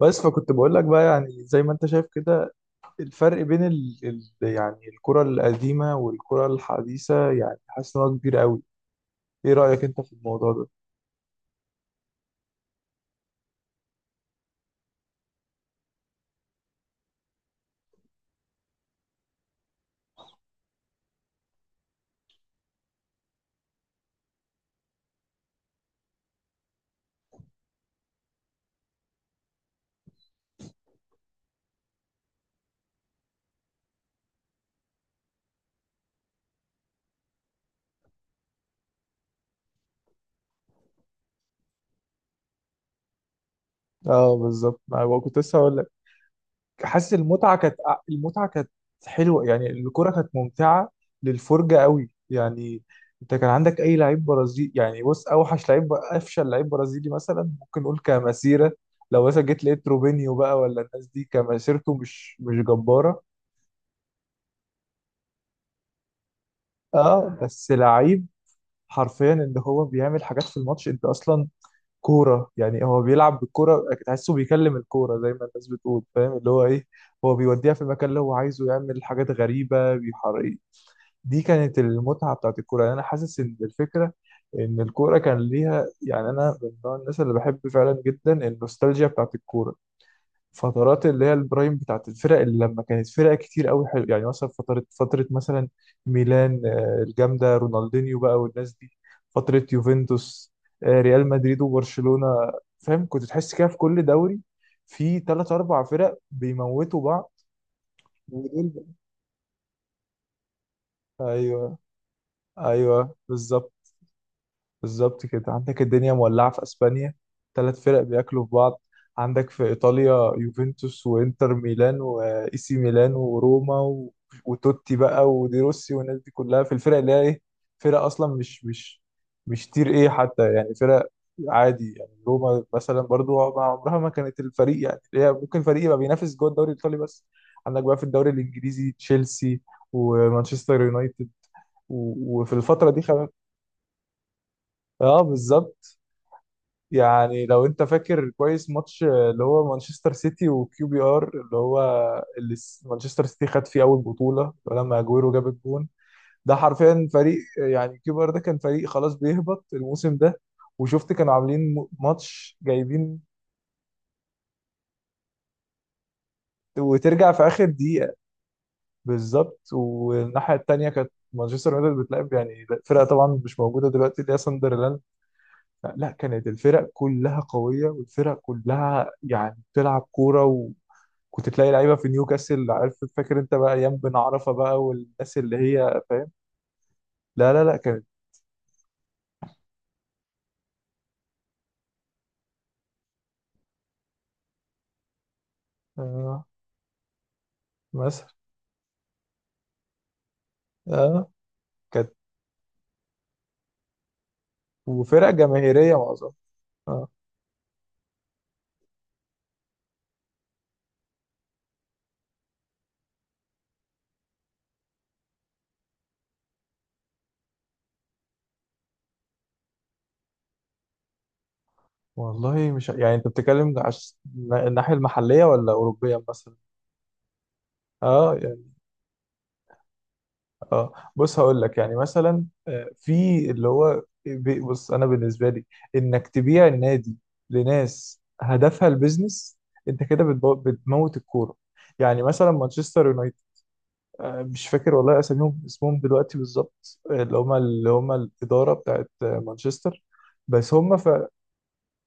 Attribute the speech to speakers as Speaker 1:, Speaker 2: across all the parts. Speaker 1: بس فكنت بقول لك بقى يعني زي ما انت شايف كده. الفرق بين يعني الكرة القديمة والكرة الحديثة، يعني حاسس ان هو كبير قوي. ايه رأيك انت في الموضوع ده؟ اه بالظبط، ما هو كنت لسه هقول لك. حاسس المتعة كانت، المتعة كانت حلوة، يعني الكرة كانت ممتعة للفرجة قوي يعني. انت كان عندك اي لعيب برازيلي، يعني بص اوحش لعيب، افشل لعيب برازيلي مثلا ممكن نقول كمسيرة، لو مثلا جيت لقيت روبينيو بقى ولا الناس دي كمسيرته مش جبارة. اه بس لعيب حرفيا ان هو بيعمل حاجات في الماتش، انت اصلا كوره، يعني هو بيلعب بالكوره تحسه بيكلم الكوره زي ما الناس بتقول، فاهم اللي هو ايه، هو بيوديها في المكان اللي هو عايزه، يعمل حاجات غريبه بيحرق. دي كانت المتعه بتاعت الكوره، يعني انا حاسس ان الفكره ان الكوره كان ليها، يعني انا من نوع الناس اللي بحب فعلا جدا النوستالجيا بتاعت الكوره، فترات اللي هي البرايم بتاعت الفرق اللي لما كانت فرق كتير قوي حلو، يعني مثلا فترة مثلا ميلان الجامدة رونالدينيو بقى والناس دي، فترة يوفنتوس، ريال مدريد وبرشلونة. فاهم كنت تحس كده في كل دوري في ثلاث أربع فرق بيموتوا بعض. ودول بقى- ايوه، ايوه بالظبط. بالظبط كده، عندك الدنيا مولعة في اسبانيا، ثلاث فرق بياكلوا في بعض، عندك في ايطاليا يوفنتوس وانتر ميلان واي سي ميلان وروما و... وتوتي بقى ودي روسي والناس دي كلها في الفرق اللي هي ايه، فرق اصلا مش تير ايه حتى، يعني فرق عادي، يعني روما مثلا برضو عمرها ما كانت الفريق، يعني هي ممكن فريق يبقى بينافس جوه الدوري الايطالي بس. عندك بقى في الدوري الانجليزي تشيلسي ومانشستر يونايتد و... وفي الفترة دي اه بالظبط. يعني لو انت فاكر كويس ماتش اللي هو مانشستر سيتي وكيو بي ار، اللي هو مانشستر سيتي خد فيه اول بطولة لما اجويرو جاب الجون. ده حرفيا فريق، يعني كيو بي ار ده كان فريق خلاص بيهبط الموسم ده، وشفت كانوا عاملين ماتش جايبين، وترجع في اخر دقيقة. بالظبط، والناحية التانية كانت مانشستر يونايتد بتلعب يعني فرقة طبعا مش موجودة دلوقتي اللي هي ساندرلاند. لا، كانت الفرق كلها قوية والفرق كلها يعني بتلعب كورة. كنت تلاقي لعيبه في نيوكاسل، عارف، فاكر انت بقى ايام بن عرفه بقى والناس اللي هي فاهم. لا لا لا كانت آه مثلا آه كانت، وفرق جماهيريه معظمها آه. والله مش يعني، انت بتتكلم الناحيه المحليه ولا اوروبيه مثلا؟ اه يعني، اه بص هقول لك، يعني مثلا في بص انا بالنسبه لي انك تبيع النادي لناس هدفها البيزنس، انت كده بتموت الكوره. يعني مثلا مانشستر، مش فاكر والله اساميهم، اسمهم دلوقتي بالظبط، اللي هم الاداره بتاعت مانشستر، بس هم ف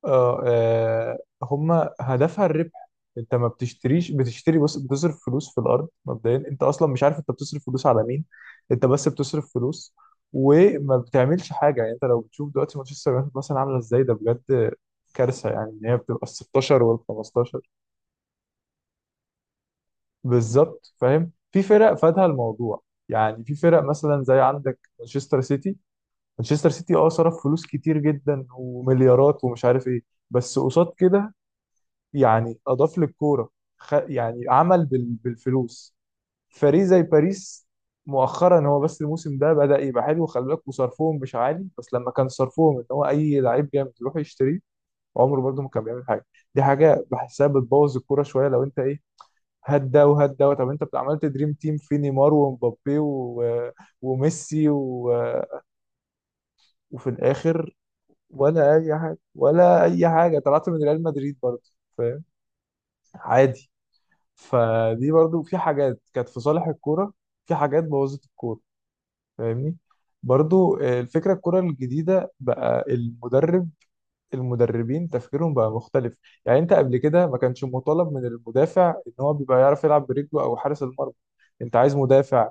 Speaker 1: آه، آه، هم هدفها الربح. انت ما بتشتريش، بتشتري بص، بتصرف فلوس في الارض، مبدئيا انت اصلا مش عارف انت بتصرف فلوس على مين، انت بس بتصرف فلوس وما بتعملش حاجه، يعني انت لو بتشوف دلوقتي مانشستر يونايتد مثلا عامله ازاي، ده بجد كارثه، يعني ان هي بتبقى ال 16 وال 15. بالظبط فاهم، في فرق فادها الموضوع، يعني في فرق مثلا زي عندك مانشستر سيتي، مانشستر سيتي اه صرف فلوس كتير جدا ومليارات ومش عارف ايه، بس قصاد كده يعني اضاف للكوره، يعني عمل بالفلوس فريق زي باريس. مؤخرا هو بس الموسم ده بدأ يبقى حلو، خلي بالك، وصرفهم مش عالي، بس لما كان صرفهم ان هو اي لعيب جامد يروح يشتريه عمره برده ما كان بيعمل حاجه. دي حاجه بحسها بتبوظ الكوره شويه، لو انت ايه، هات ده وهات ده، طب انت عملت دريم تيم في نيمار ومبابي و... وميسي و... وفي الاخر ولا اي حاجه، ولا اي حاجه طلعت من ريال مدريد برضه، فاهم، عادي. فدي برضه في حاجات كانت في صالح الكوره، في حاجات بوظت الكوره، فاهمني. برضه الفكره، الكوره الجديده بقى، المدرب، المدربين تفكيرهم بقى مختلف، يعني انت قبل كده ما كانش مطالب من المدافع ان هو بيبقى يعرف يلعب برجله او حارس المرمى، انت عايز مدافع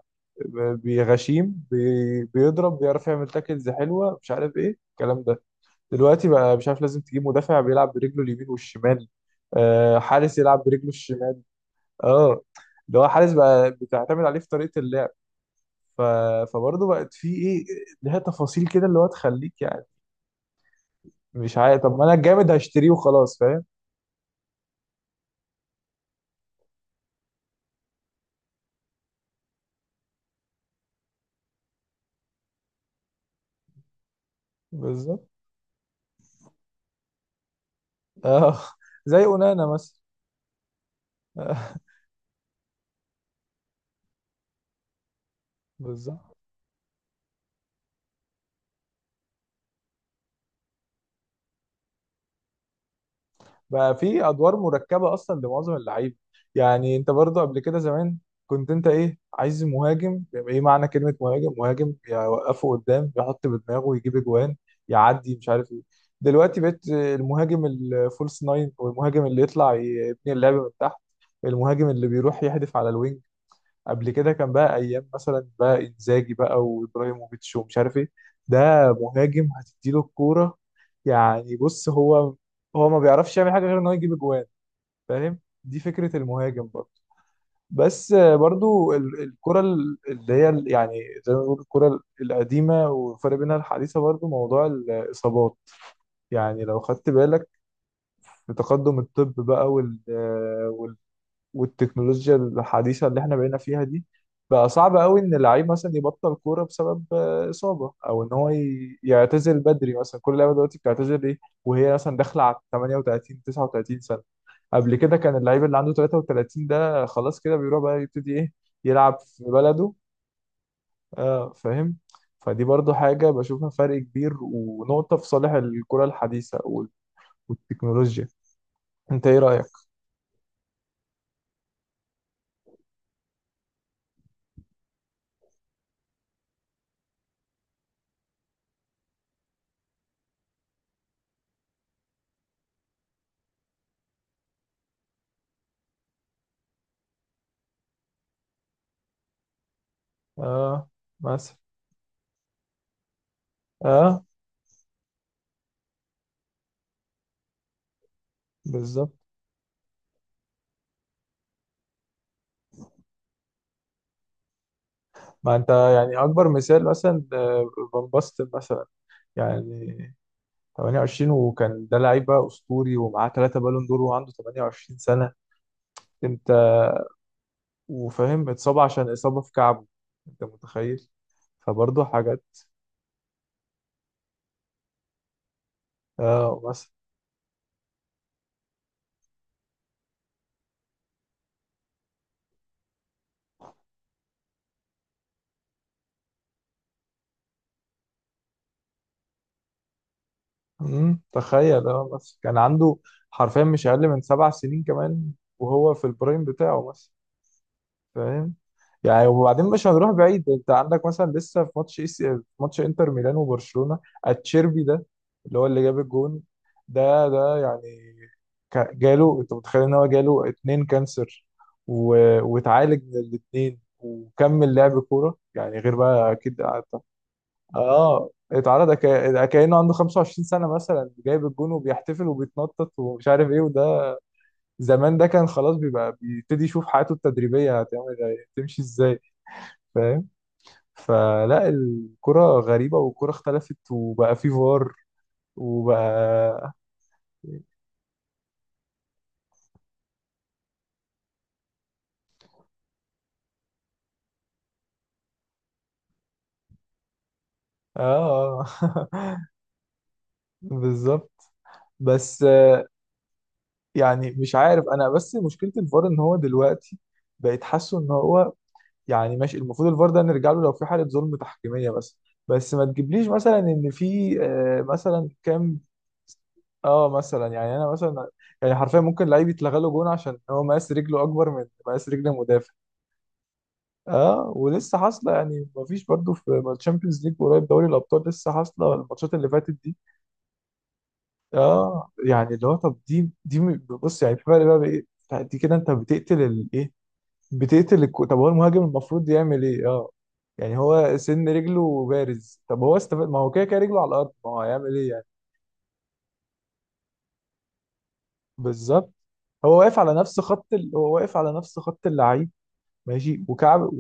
Speaker 1: بيضرب بيعرف يعمل تاكلز حلوه مش عارف ايه الكلام ده، دلوقتي بقى مش عارف لازم تجيب مدافع بيلعب برجله اليمين والشمال، حارس يلعب برجله الشمال. اه، اللي هو حارس بقى بتعتمد عليه في طريقه اللعب، ف... فبرضه بقت في ايه، لها تفاصيل كده اللي هو تخليك يعني مش عارف، طب ما انا الجامد هشتريه وخلاص، فاهم، بالظبط. اه زي اونانا مثلا بالظبط. بقى في ادوار مركبه اصلا لمعظم اللعيبه، يعني انت برضو قبل كده زمان كنت انت ايه عايز مهاجم، يبقى ايه معنى كلمه مهاجم؟ مهاجم يوقفه قدام يحط بدماغه ويجيب اجوان يعدي مش عارف ايه، دلوقتي بقيت المهاجم الفولس ناين، والمهاجم اللي يطلع يبني اللعب من تحت، المهاجم اللي بيروح يحدف على الوينج. قبل كده كان بقى ايام مثلا بقى انزاجي بقى وابراهيموفيتش ومش عارف ايه، ده مهاجم هتديله الكوره، يعني بص هو، هو ما بيعرفش يعمل حاجه غير ان هو يجيب اجوان، فاهم، دي فكره المهاجم برضه. بس برضه الكره يعني زي ما بنقول الكره القديمه والفرق بينها الحديثه، برضه موضوع الاصابات، يعني لو خدت بالك في تقدم الطب بقى وال والتكنولوجيا الحديثة اللي احنا بقينا فيها دي، بقى صعب قوي ان اللعيب مثلا يبطل كورة بسبب إصابة، او ان هو يعتزل بدري، مثلا كل لعيبة دلوقتي بتعتزل ايه، وهي مثلا داخلة على 38 39 سنة. قبل كده كان اللعيب اللي عنده 33 ده خلاص كده بيروح بقى يبتدي ايه، يلعب في بلده، اه فاهم. فدي برضو حاجة بشوفها فرق كبير ونقطة في صالح الكرة الحديثة والتكنولوجيا، انت ايه رأيك؟ اه مثلا، اه بالظبط، ما انت يعني اكبر مثال مثلا فان باستن مثلا، يعني 28، وكان ده لعيبه اسطوري ومعاه ثلاثه بالون دور وعنده 28 سنه، انت وفاهم اتصاب عشان اصابه في كعبه، انت متخيل؟ فبرضه حاجات، اه مثلا. مم، تخيل اه مثلا كان عنده حرفيا مش اقل من 7 سنين كمان وهو في البرايم بتاعه مثلا، فاهم. يعني وبعدين مش هنروح بعيد، انت عندك مثلا لسه في ماتش في ماتش انتر ميلان وبرشلونة، اتشيربي ده اللي هو اللي جاب الجون، ده ده يعني جاله، انت متخيل ان هو جاله اتنين كانسر و... واتعالج من الاتنين وكمل لعب كورة، يعني غير بقى اكيد اه. اتعرض كأنه عنده 25 سنة مثلا، جايب الجون وبيحتفل وبيتنطط ومش عارف ايه، وده زمان ده كان خلاص بيبقى بيبتدي يشوف حياته التدريبية هتعمل إيه، هتمشي ازاي، فاهم. فلا، الكرة غريبة والكرة اختلفت، وبقى في فار، وبقى اه بالظبط. بس يعني مش عارف انا، بس مشكلة الفار ان هو دلوقتي بقيت حاسه ان هو، يعني ماشي، المفروض الفار ده نرجع له لو في حالة ظلم تحكيمية بس، بس ما تجيبليش مثلا ان في مثلا كام، اه مثلا يعني انا مثلا، يعني حرفيا ممكن لعيب يتلغى له جون عشان هو مقاس رجله اكبر من مقاس رجل المدافع، اه، ولسه حاصله، يعني مفيش برضو في الشامبيونز ليج قريب، دوري الابطال لسه حاصله الماتشات اللي فاتت دي، اه يعني. اللي هو طب بص، يعني في فرق بقى بايه، دي كده انت بتقتل الايه، طب هو المهاجم المفروض يعمل ايه، اه يعني هو سن رجله بارز، طب هو استفاد، ما هو كده كده رجله على الارض، ما هو هيعمل ايه يعني. بالظبط، هو واقف على نفس هو واقف على نفس خط اللعيب، ماشي وكعب،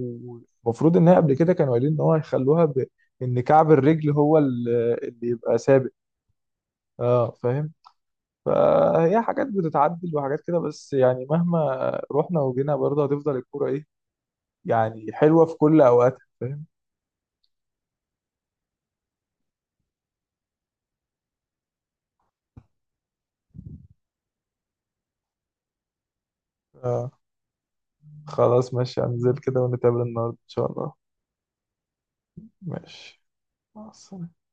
Speaker 1: ومفروض ان هي قبل كده كانوا قايلين ان هو هيخلوها ب...، ان كعب الرجل هو اللي يبقى ثابت، اه فاهم. فهي حاجات بتتعدل وحاجات كده، بس يعني مهما رحنا وجينا برضه هتفضل الكوره ايه، يعني حلوه في كل اوقاتها، فاهم. آه. خلاص ماشي، هنزل كده ونتقابل النهارده ان شاء الله، ماشي، مع السلامه.